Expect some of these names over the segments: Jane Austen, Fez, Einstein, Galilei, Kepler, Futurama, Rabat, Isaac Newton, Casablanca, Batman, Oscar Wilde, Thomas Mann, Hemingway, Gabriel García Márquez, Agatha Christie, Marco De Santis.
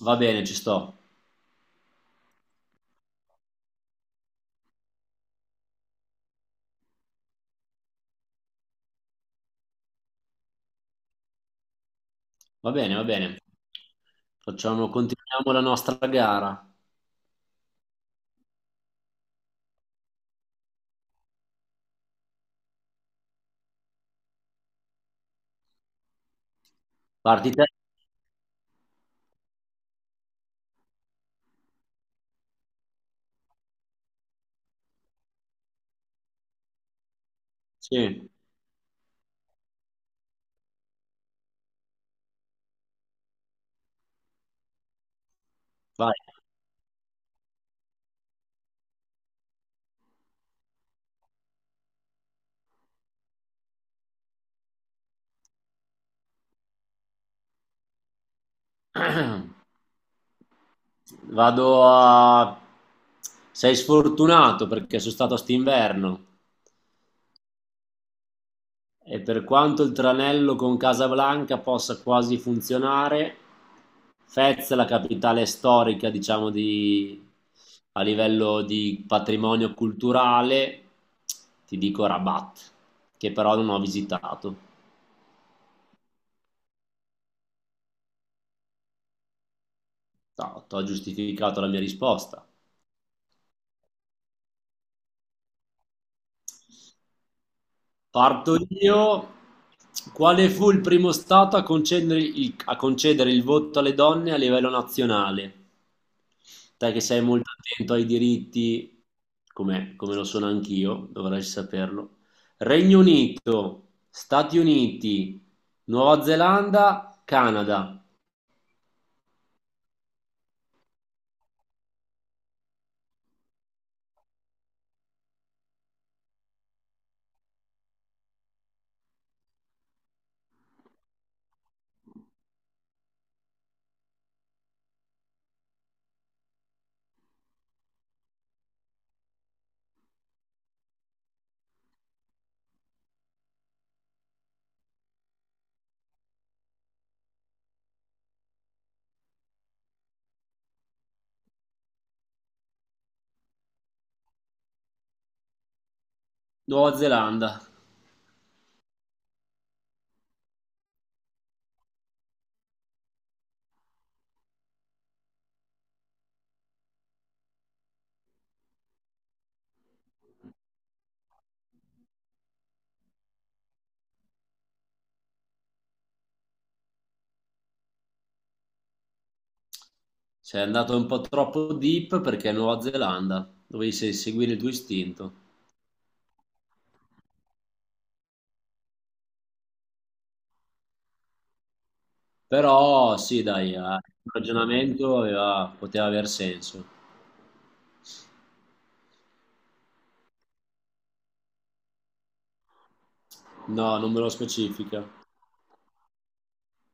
Va bene, ci sto. Va bene, va bene. Facciamo, continuiamo la nostra gara. Parti te? Sì, vai. Vado a... Sei sfortunato perché sono stato st'inverno e per quanto il tranello con Casablanca possa quasi funzionare, Fez, la capitale storica, diciamo, di... a livello di patrimonio culturale, ti dico Rabat, che però non ho visitato. No, ti ho giustificato la mia risposta. Parto io. Quale fu il primo stato a concedere il voto alle donne a livello nazionale? Te che sei molto attento ai diritti, come lo sono anch'io, dovrai saperlo. Regno Unito, Stati Uniti, Nuova Zelanda, Canada. Nuova Zelanda. Sei andato un po' troppo deep perché è Nuova Zelanda. Dovevi seguire il tuo istinto. Però sì, dai, il poteva aver senso. No, non me lo specifica.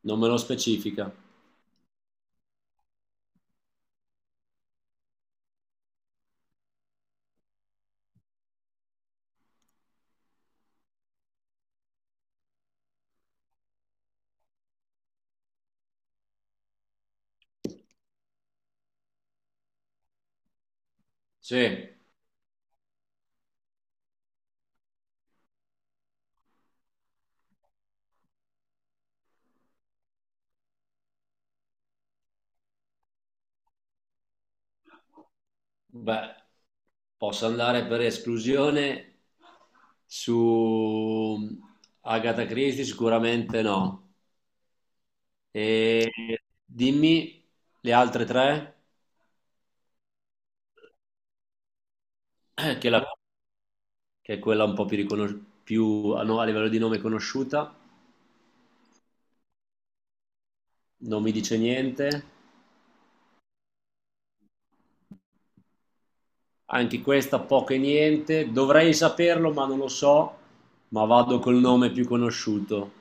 Non me lo specifica. Sì, beh, posso andare per esclusione su Agatha Christie? Sicuramente no. E dimmi le altre tre, eh, che, la- che è quella un po' più, no, a livello di nome conosciuta, non mi dice niente. Anche questa poco e niente. Dovrei saperlo, ma non lo so. Ma vado col nome più conosciuto.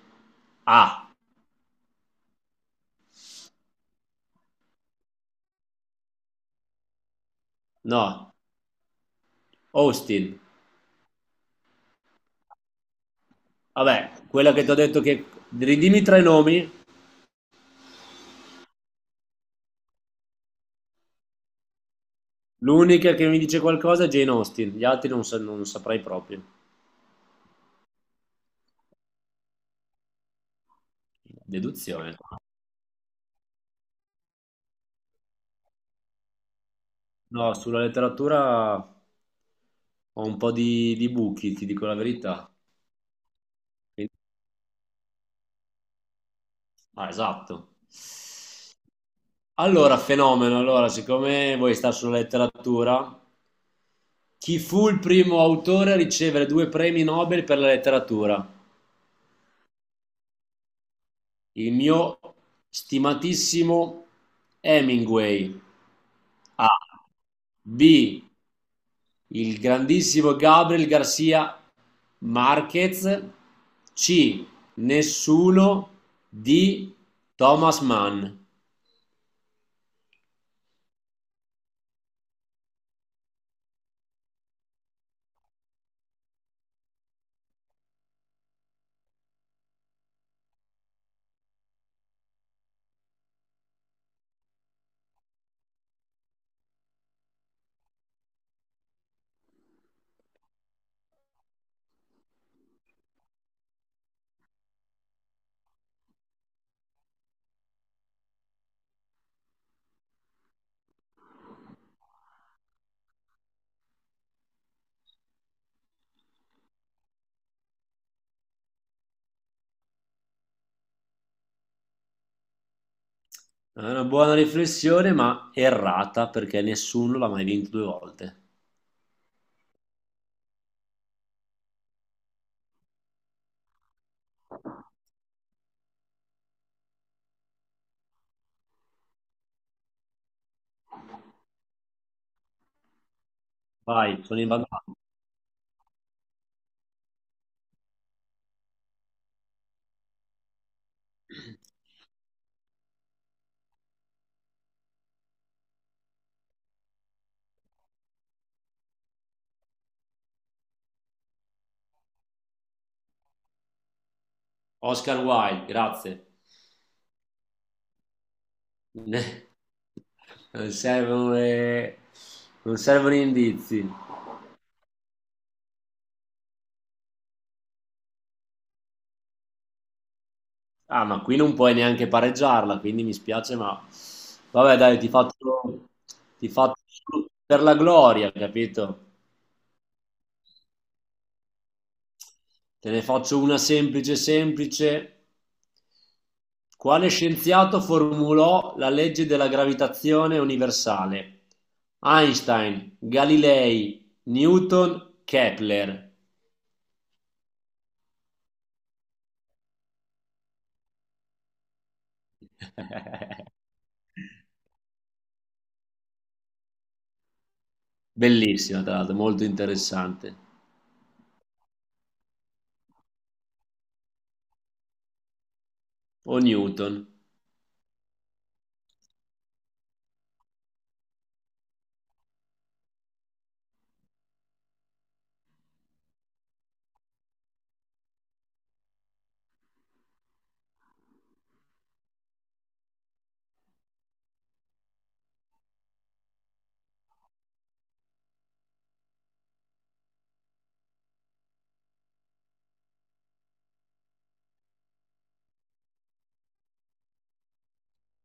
Ah, no, Austin. Vabbè, quella che ti ho detto che... Ridimmi tre nomi. L'unica che mi dice qualcosa è Jane Austen. Gli altri non saprei proprio. Deduzione. No, sulla letteratura ho un po' di buchi, ti dico la verità. Quindi- Ah, esatto. Allora, fenomeno. Allora, siccome vuoi stare sulla letteratura, chi fu il primo autore a ricevere due premi Nobel per la letteratura? Il mio stimatissimo Hemingway. A. B. Il grandissimo Gabriel García Márquez. C. Nessuno di Thomas Mann. È una buona riflessione, ma errata perché nessuno l'ha mai vinto due volte. Vai, sono in vantaggio. Oscar Wilde, grazie. Non servono le- non servono gli indizi. Ah, ma qui non puoi neanche pareggiarla, quindi mi spiace, ma vabbè, dai, ti faccio solo per la gloria, capito? Te ne faccio una semplice, semplice. Quale scienziato formulò la legge della gravitazione universale? Einstein, Galilei, Newton, Kepler. Bellissima, tra l'altro, molto interessante. O Newton.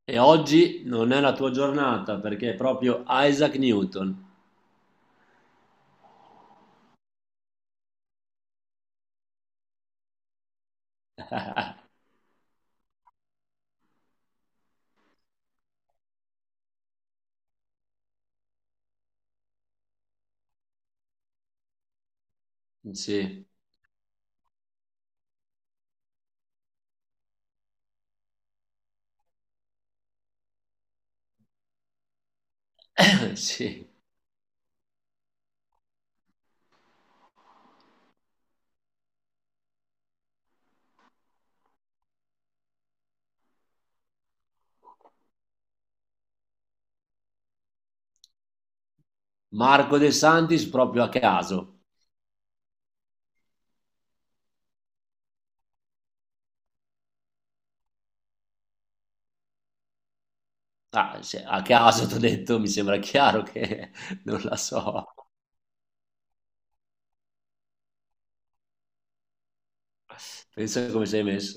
E oggi non è la tua giornata perché è proprio Isaac Newton. Sì, sì. Marco De Santis proprio a caso. Ah, a caso ti ho detto, mi sembra chiaro che non la so. Pensa come sei messo.